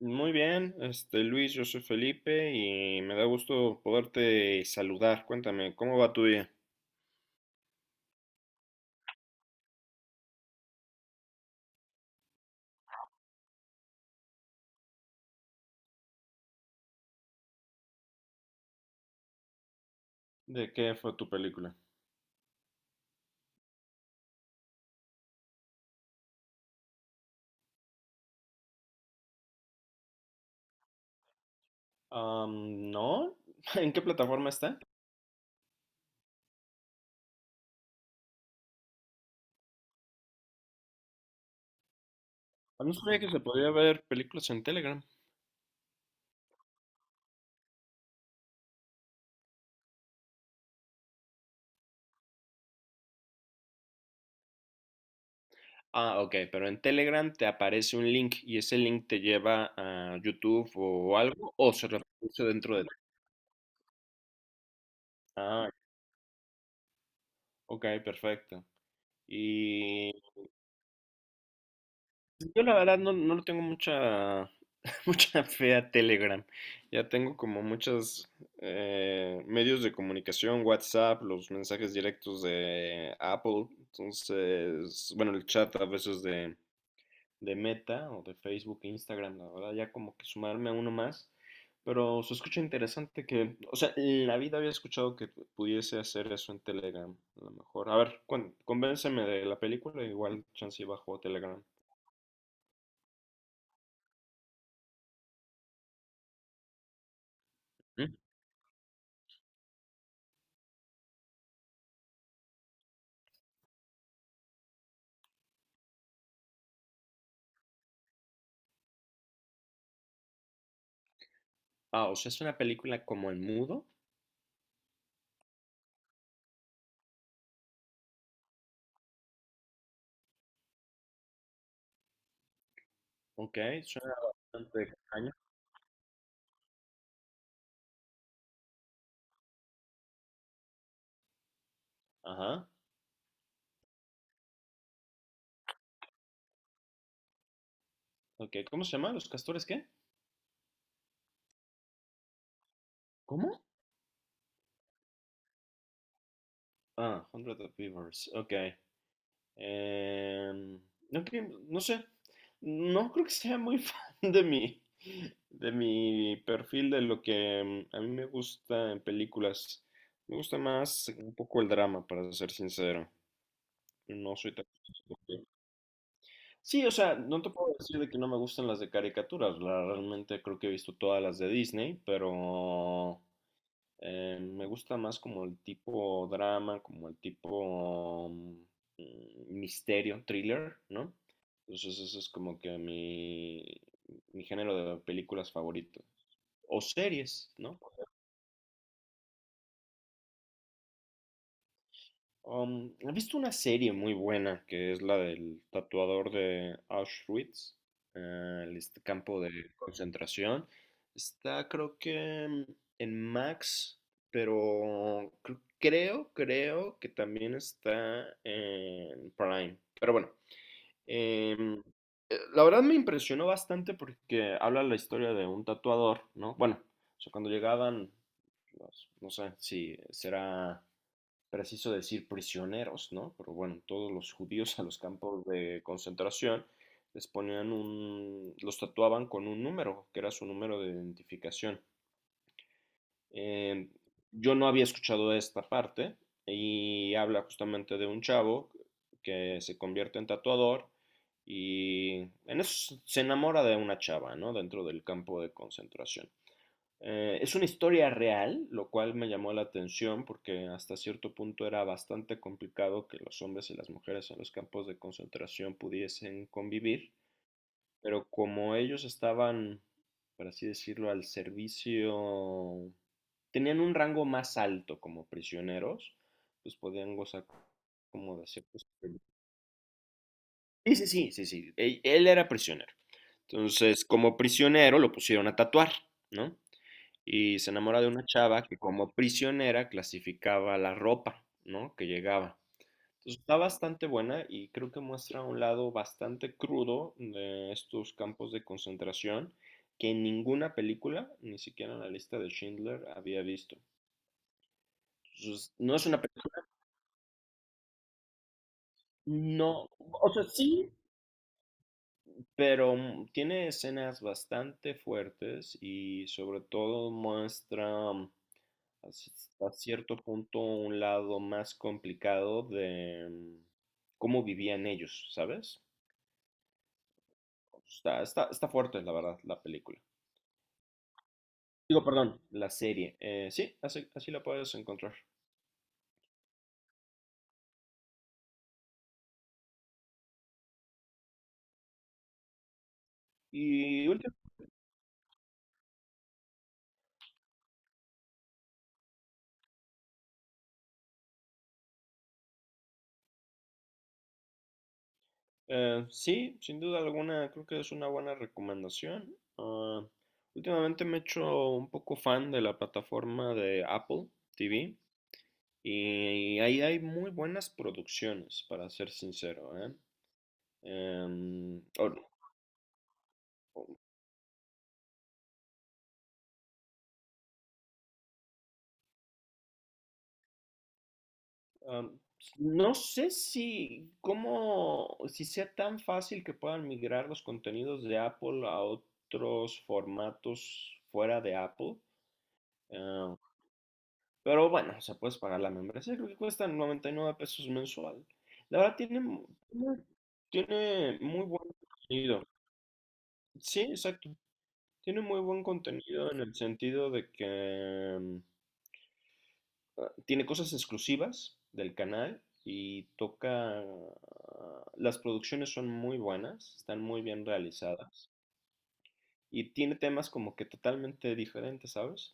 Muy bien, este Luis, yo soy Felipe y me da gusto poderte saludar. Cuéntame, ¿cómo va tu día? ¿De qué fue tu película? No, ¿en qué plataforma está? A mí sabía que se podía ver películas en Telegram. Ah, ok, pero en Telegram te aparece un link y ese link te lleva a YouTube o algo o se reproduce dentro de... Ah, ok, perfecto. Yo la verdad no, mucha fe a Telegram. Ya tengo como muchos medios de comunicación, WhatsApp, los mensajes directos de Apple. Entonces, bueno, el chat a veces de Meta o de Facebook e Instagram, la verdad, ya como que sumarme a uno más. Pero se escucha interesante que, o sea, en la vida había escuchado que pudiese hacer eso en Telegram, a lo mejor. A ver, convénceme de la película, igual chance y bajo a Telegram. Ah, o sea, es una película como en mudo. Ok, suena bastante extraño. Ajá. Ok, ¿cómo se llama? ¿Los castores qué? ¿Cómo? Ah, Hundred of Beavers. Ok. Em, no, no sé. No creo que sea muy fan de mi perfil, de lo que a mí me gusta en películas. Me gusta más un poco el drama, para ser sincero. No soy tan... Sí, o sea, no te puedo decir de que no me gustan las de caricaturas. La, realmente creo que he visto todas las de Disney, pero me gusta más como el tipo drama, como el tipo misterio, thriller, ¿no? Entonces eso es como que mi género de películas favorito. O series, ¿no? He visto una serie muy buena que es la del tatuador de Auschwitz, el este campo de concentración. Está creo que en Max, pero creo que también está en Prime. Pero bueno, em, la verdad me impresionó bastante porque habla la historia de un tatuador, ¿no? Bueno, o sea, cuando llegaban, no sé si será preciso decir prisioneros, ¿no? Pero bueno, todos los judíos a los campos de concentración les ponían un, los tatuaban con un número, que era su número de identificación. Eh, yo no había escuchado esta parte y habla justamente de un chavo que se convierte en tatuador y en eso se enamora de una chava, ¿no? Dentro del campo de concentración. Es una historia real, lo cual me llamó la atención porque hasta cierto punto era bastante complicado que los hombres y las mujeres en los campos de concentración pudiesen convivir, pero como ellos estaban, por así decirlo, al servicio, tenían un rango más alto como prisioneros, pues podían gozar como de ciertos... Sí, sí, sí, sí, sí, él era prisionero. Entonces, como prisionero lo pusieron a tatuar, ¿no? Y se enamora de una chava que como prisionera clasificaba la ropa, ¿no? Que llegaba. Entonces, está bastante buena y creo que muestra un lado bastante crudo de estos campos de concentración que en ninguna película, ni siquiera en la lista de Schindler, había visto. Entonces, no es una película, no, o sea, sí, pero tiene escenas bastante fuertes y sobre todo muestra hasta cierto punto un lado más complicado de cómo vivían ellos, ¿sabes? Está fuerte, la verdad, la película. Digo, perdón, la serie. Sí, así, así la puedes encontrar. Y último, eh, sí, sin duda alguna, creo que es una buena recomendación. Ah, últimamente me he hecho un poco fan de la plataforma de Apple TV y ahí hay muy buenas producciones, para ser sincero, ¿eh? Em, o- Am, no sé si, cómo, si sea tan fácil que puedan migrar los contenidos de Apple a otros formatos fuera de Apple. Ah, pero bueno, se puedes pagar la membresía, creo que cuesta 99 pesos mensual. La verdad tiene, tiene muy buen contenido. Sí, exacto. Tiene muy buen contenido en el sentido de que tiene cosas exclusivas del canal y toca... ah, las producciones son muy buenas, están muy bien realizadas y tiene temas como que totalmente diferentes, ¿sabes?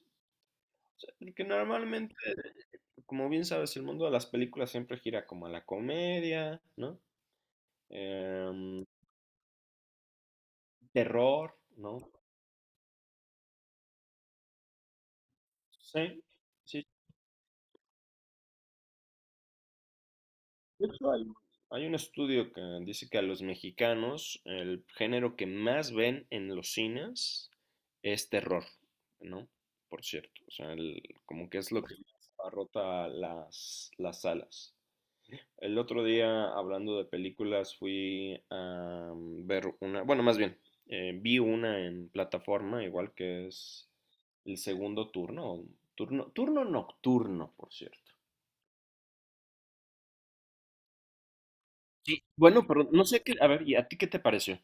O sea, porque normalmente, como bien sabes, el mundo de las películas siempre gira como a la comedia, ¿no? Em, Terror, ¿no? Sí, sí, de hecho, hay un estudio que dice que a los mexicanos el género que más ven en los cines es terror, ¿no? Por cierto, o sea, como que es lo que más abarrota las salas. El otro día, hablando de películas, fui a ver una, bueno, más bien, vi una en plataforma, igual que es el segundo turno, turno nocturno, por cierto. Sí. Bueno, pero no sé qué, a ver, ¿y a ti qué te pareció?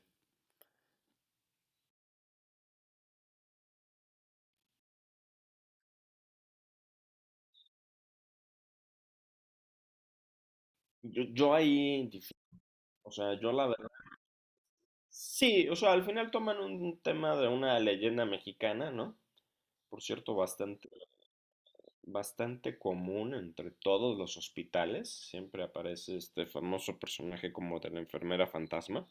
Yo, yo ahí, dif- o sea, yo la verdad. Sí, o sea, al final toman un tema de una leyenda mexicana, ¿no? Por cierto, bastante común entre todos los hospitales. Siempre aparece este famoso personaje como de la enfermera fantasma.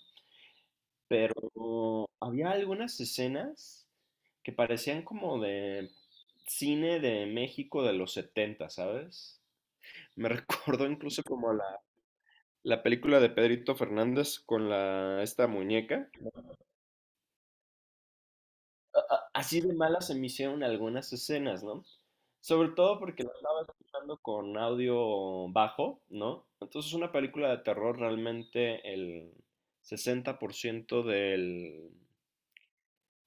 Pero había algunas escenas que parecían como de cine de México de los setenta, ¿sabes? Me recordó incluso como la película de Pedrito Fernández con la, esta muñeca. Así de malas se me hicieron algunas escenas, ¿no? Sobre todo porque la estaba escuchando con audio bajo, ¿no? Entonces una película de terror realmente el 60%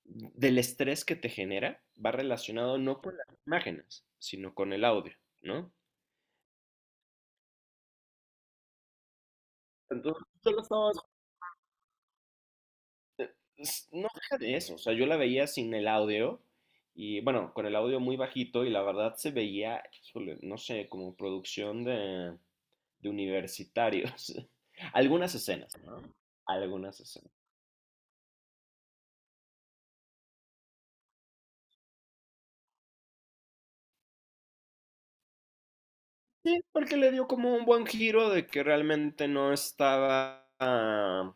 del estrés que te genera va relacionado no con las imágenes, sino con el audio, ¿no? Entonces yo lo estaba... No deja de eso, o sea, yo la veía sin el audio y bueno, con el audio muy bajito y la verdad se veía, híjole, no sé, como producción de universitarios. Algunas escenas, ¿no? Algunas escenas. Sí, porque le dio como un buen giro de que realmente no estaba... ah,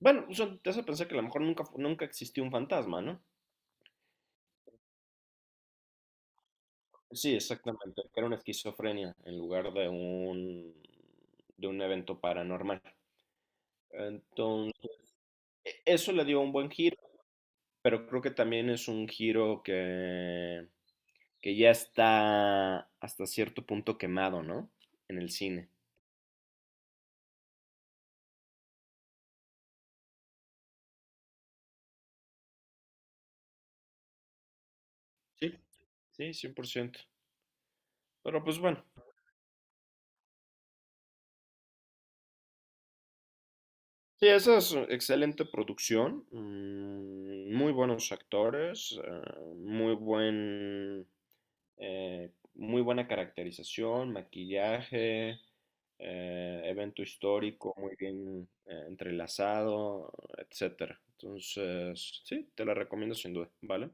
bueno, eso te hace pensar que a lo mejor nunca existió un fantasma, ¿no? Sí, exactamente, que era una esquizofrenia en lugar de de un evento paranormal. Entonces, eso le dio un buen giro. Pero creo que también es un giro que ya está hasta cierto punto quemado, ¿no? En el cine. Sí. Sí, 100%. Pero pues bueno, sí, esa es excelente producción, muy buenos actores, muy buena caracterización, maquillaje, evento histórico muy bien entrelazado, etcétera. Entonces, sí, te la recomiendo sin duda, ¿vale?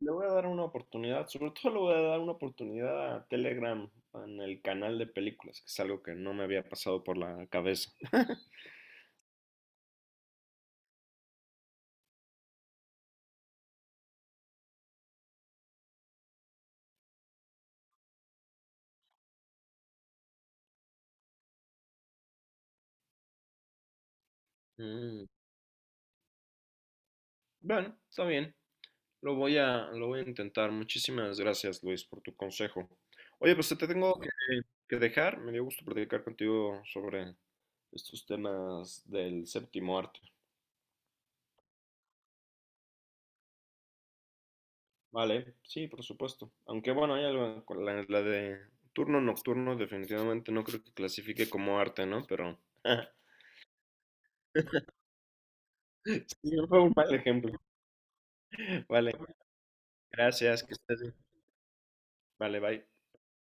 Le voy a dar una oportunidad, sobre todo le voy a dar una oportunidad a Telegram en el canal de películas, que es algo que no me había pasado por la cabeza. Mm. Bueno, está bien. Lo voy a intentar. Muchísimas gracias, Luis, por tu consejo. Oye, pues te tengo que dejar. Me dio gusto platicar contigo sobre estos temas del séptimo arte. Vale, sí, por supuesto. Aunque bueno, hay algo con la, la de turno nocturno, definitivamente no creo que clasifique como arte, ¿no? Pero sí, fue un mal ejemplo. Vale, gracias, que estés bien. Vale, bye.